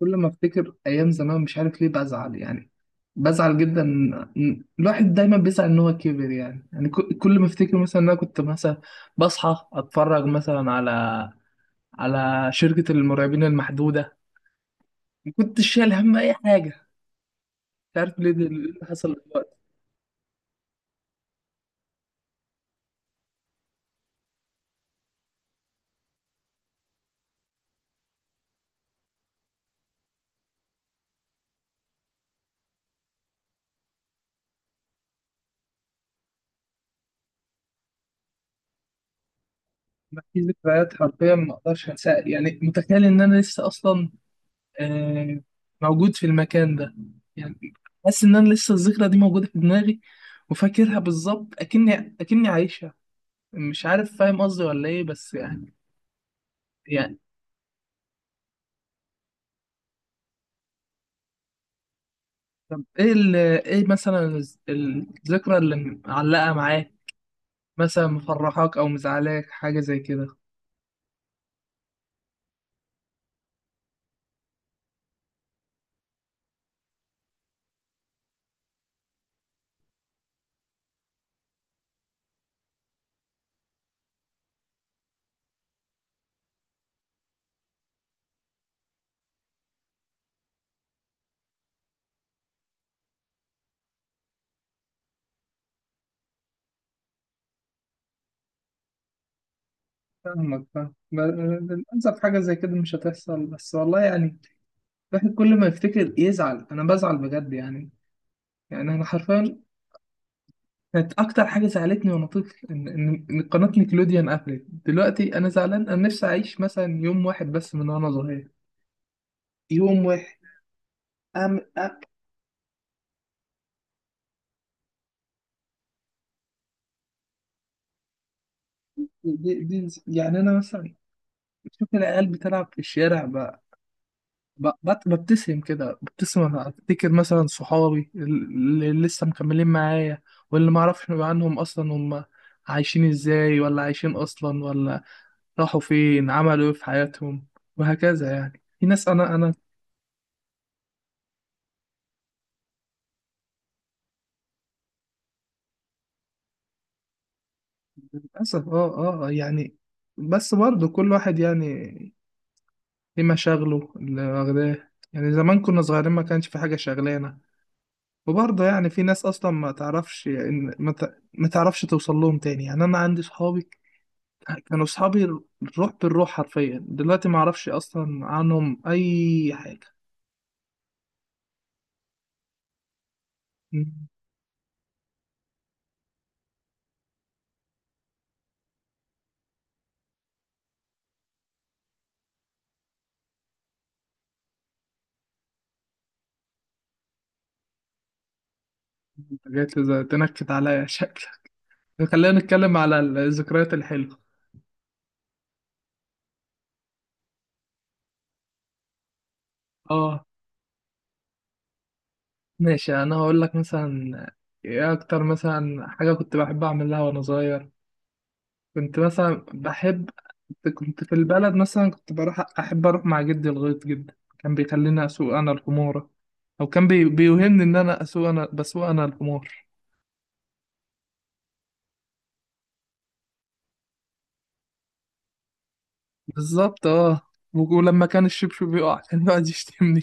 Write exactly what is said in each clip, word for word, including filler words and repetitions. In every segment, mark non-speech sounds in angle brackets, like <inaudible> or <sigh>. كل ما افتكر ايام زمان مش عارف ليه بزعل يعني، بزعل جدا. إن- الواحد دايما بيزعل ان هو كبر يعني، يعني ك- كل ما افتكر مثلا ان انا كنت مثلا بصحى اتفرج مثلا على على شركة المرعبين المحدودة. ما كنتش شايل هم اي حاجة. مش عارف ليه ده- ليه اللي حصل دلوقتي. ما في ذكريات حرفيا ما اقدرش انساها يعني، متخيل ان انا لسه اصلا آه، موجود في المكان ده يعني. حاسس ان انا لسه الذكرى دي موجودة في دماغي وفاكرها بالظبط اكني اكني عايشها. مش عارف فاهم قصدي ولا ايه بس يعني، يعني طب ايه ال ايه مثلا الز- الذكرى اللي معلقة معاك، مثلا مفرحاك او مزعلاك حاجة زي كده. فاهمك، فاهم ب- للأسف حاجة زي كده مش هتحصل بس والله يعني. الواحد كل ما يفتكر يزعل، أنا بزعل بجد يعني، يعني أنا حرفيا كانت أكتر حاجة زعلتني وأنا طفل إن إن إن قناة نيكلوديان قفلت. دلوقتي أنا زعلان، أنا نفسي أعيش مثلا يوم واحد بس من وأنا صغير، يوم واحد. أم أم دي دي يعني أنا مثلا شوف العيال بتلعب في الشارع، ب- ب- بت- ببتسم كده، ببتسم أنا افتكر مثلا صحابي اللي لسه مكملين معايا، واللي ما اعرفش عنهم اصلا هم عايشين ازاي ولا عايشين اصلا، ولا راحوا فين، عملوا ايه في حياتهم. وهكذا يعني في ناس، انا انا للاسف. اه اه آه، يعني بس برضه كل واحد يعني ليه مشاغله اللي واخداه. يعني زمان كنا صغيرين ما كانش في حاجة شغلانة. وبرضه يعني في ناس اصلا ما تعرفش ان ما ت- ما تعرفش توصل لهم تاني. يعني انا عندي صحابي، كانوا صحابي الروح بالروح حرفيا، دلوقتي ما اعرفش اصلا عنهم اي حاجه. مم. انت جات لي زي تنكد عليا شكلك. خلينا نتكلم على الذكريات الحلوه. اه ماشي، انا هقول لك مثلا ايه اكتر مثلا حاجه كنت بحب اعملها وانا صغير. كنت مثلا بحب، كنت في البلد مثلا، كنت بروح، أحب أروح مع جدي الغيط جدا، كان بيخليني أسوق أنا الحمورة. أو كان بي... بيوهمني إن أنا أسوق أنا بسوق أنا الحمار. بالظبط اه. ولما كان الشبشب بيقع <laughs> كان يقعد يشتمني.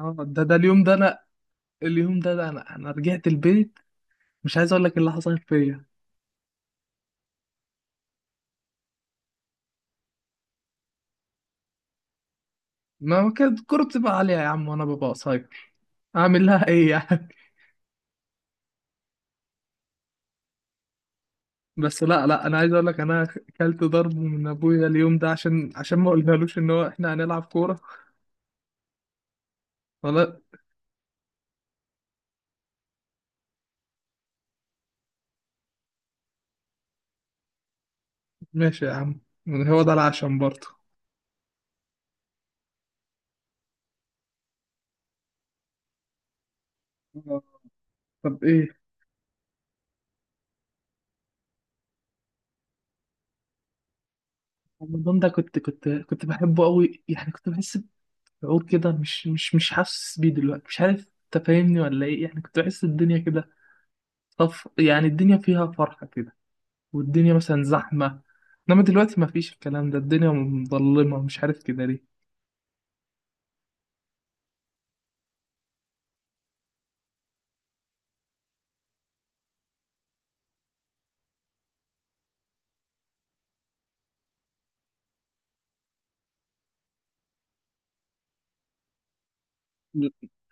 اه، ده ده اليوم ده أنا اليوم ده، ده أنا أنا رجعت البيت، مش عايز أقول لك إيه اللي حصل فيا. ما كانت الكورة بتبقى عالية يا عم، وأنا ببقى قصير، أعمل لها إيه يعني؟ بس لا لا، انا عايز اقول لك انا كلت ضرب من ابويا اليوم ده عشان، عشان ما قلنالوش ان هو احنا هنلعب كوره. ولا ماشي يا عم، هو ده العشم برضه. آه. طب ايه. رمضان ده كنت كنت كنت بحبه قوي يعني. كنت بحس بشعور كده، مش مش مش حاسس بيه دلوقتي، مش عارف انت فاهمني ولا ايه. يعني كنت بحس الدنيا كده طف يعني، الدنيا فيها فرحة كده، والدنيا مثلا زحمة. انما دلوقتي ما فيش الكلام ده، الدنيا مظلمة، مش عارف كده ليه.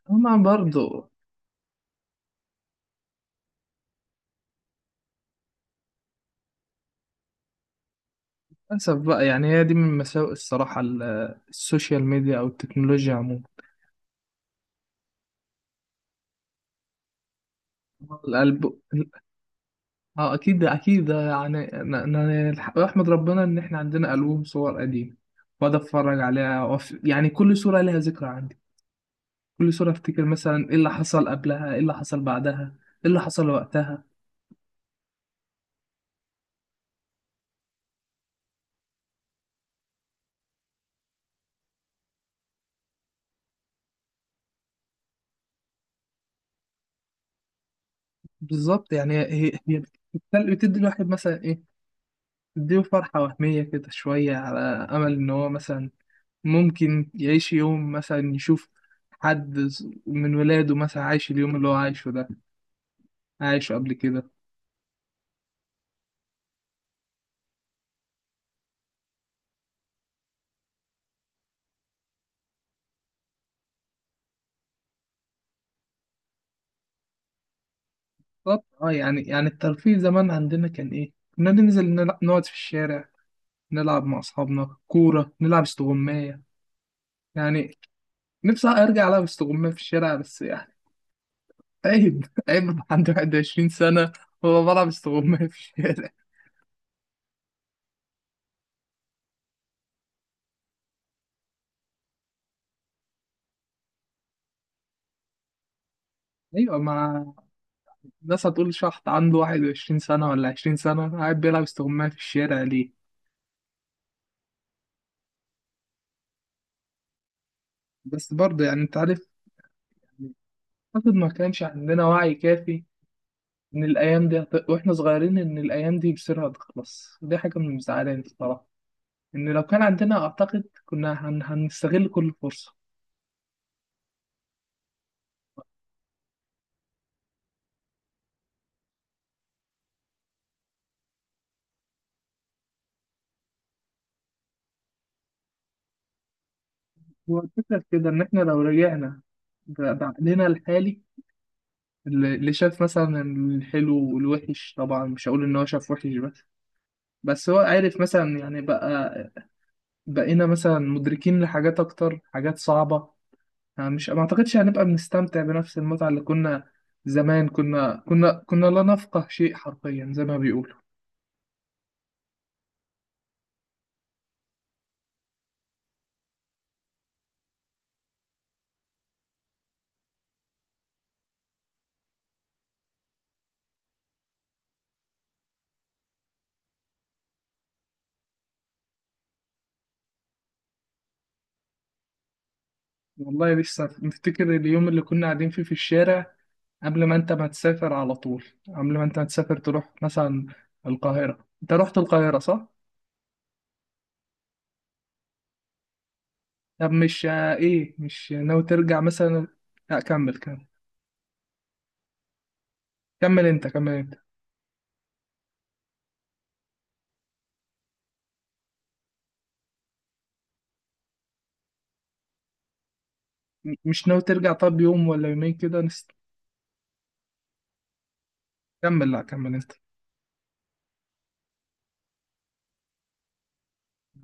هما برضه للأسف بقى يعني، هي دي من مساوئ الصراحة ال- السوشيال ميديا أو التكنولوجيا عموما. القلب. اه، أكيد أكيد يعني، أنا أنا الحق- أحمد ربنا إن إحنا عندنا ألبوم صور قديمة وأقعد أتفرج عليها وأف... يعني كل صورة لها ذكرى عندي. كل صورة أفتكر مثلا إيه اللي حصل قبلها، إيه اللي حصل بعدها، إيه اللي حصل وقتها. بالظبط يعني. هي هي بت- بتدي الواحد مثلا إيه، بتديله فرحة وهمية كده شوية، على أمل إن هو مثلا ممكن يعيش يوم مثلا، يشوف حد من ولاده مثلا عايش اليوم اللي هو عايشه ده، عايشه قبل كده. طب اه يعني، يعني الترفيه زمان عندنا كان ايه؟ كنا ننزل، نلع- نقعد في الشارع، نلعب مع اصحابنا كورة، نلعب استغماية يعني. نفسي ارجع العب استغماية في الشارع بس يعني، عيب <laughs> عيب أبقى عندي إحدى وعشرين سنة. هو بلعب استغماية في الشارع؟ ايوه، مع الناس هتقول شحط عنده واحد وعشرين سنة ولا عشرين سنة قاعد بيلعب استغماية في الشارع ليه. بس برضه يعني انت عارف، أعتقد ما كانش عندنا وعي كافي إن الأيام دي هت- وإحنا صغيرين إن الأيام دي مصيرها هتخلص. دي حاجة من المزعلاني الصراحة، إن لو كان عندنا أعتقد كنا هن... هنستغل كل فرصة. هو الفكرة في كده، إن إحنا لو رجعنا ب- بعقلنا الحالي، اللي اللي شاف مثلا الحلو والوحش، طبعا مش هقول إن هو شاف وحش بس، بس هو عارف مثلا يعني بقى، بقينا مثلا مدركين لحاجات أكتر، حاجات صعبة يعني. مش ما اعتقدش هنبقى بنستمتع بنفس المتعة اللي كنا. زمان كنا كنا كنا لا نفقه شيء حرفيا، زي ما بيقولوا. والله لسه مفتكر اليوم اللي كنا قاعدين فيه في الشارع قبل ما انت ما تسافر على طول قبل ما انت ما تسافر تروح مثلا القاهرة. انت رحت القاهرة صح؟ طب مش آه، ايه، مش ناوي ترجع مثلا؟ لا كمل كمل، كمل انت كمل انت. م- مش ناوي ترجع؟ طب يوم ولا يومين كده نست... كمل لا كمل انت.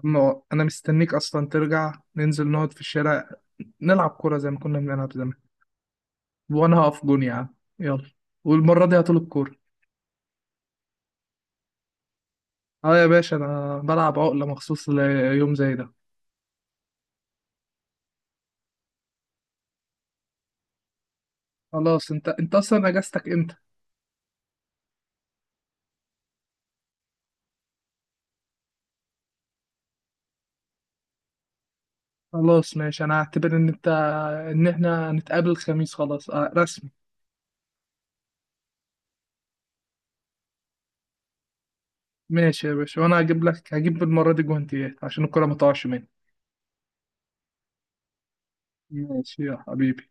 ما- انا مستنيك اصلا ترجع، ننزل نقعد في الشارع، نلعب كورة زي ما كنا بنلعب زمان. وأنا هقف جون يا عم يلا، والمرة دي هطول الكورة. أه يا باشا، أنا بلعب عقلة مخصوص ليوم زي ده. خلاص، أنت أنت أصلا أجازتك إمتى؟ خلاص ماشي، أنا هعتبر إن أنت إن إحنا هنتقابل الخميس خلاص، أه رسمي. ماشي يا باشا، وأنا هجيب لك هجيب المرة دي جوانتيات عشان الكورة ما تقعش مني. ماشي يا حبيبي.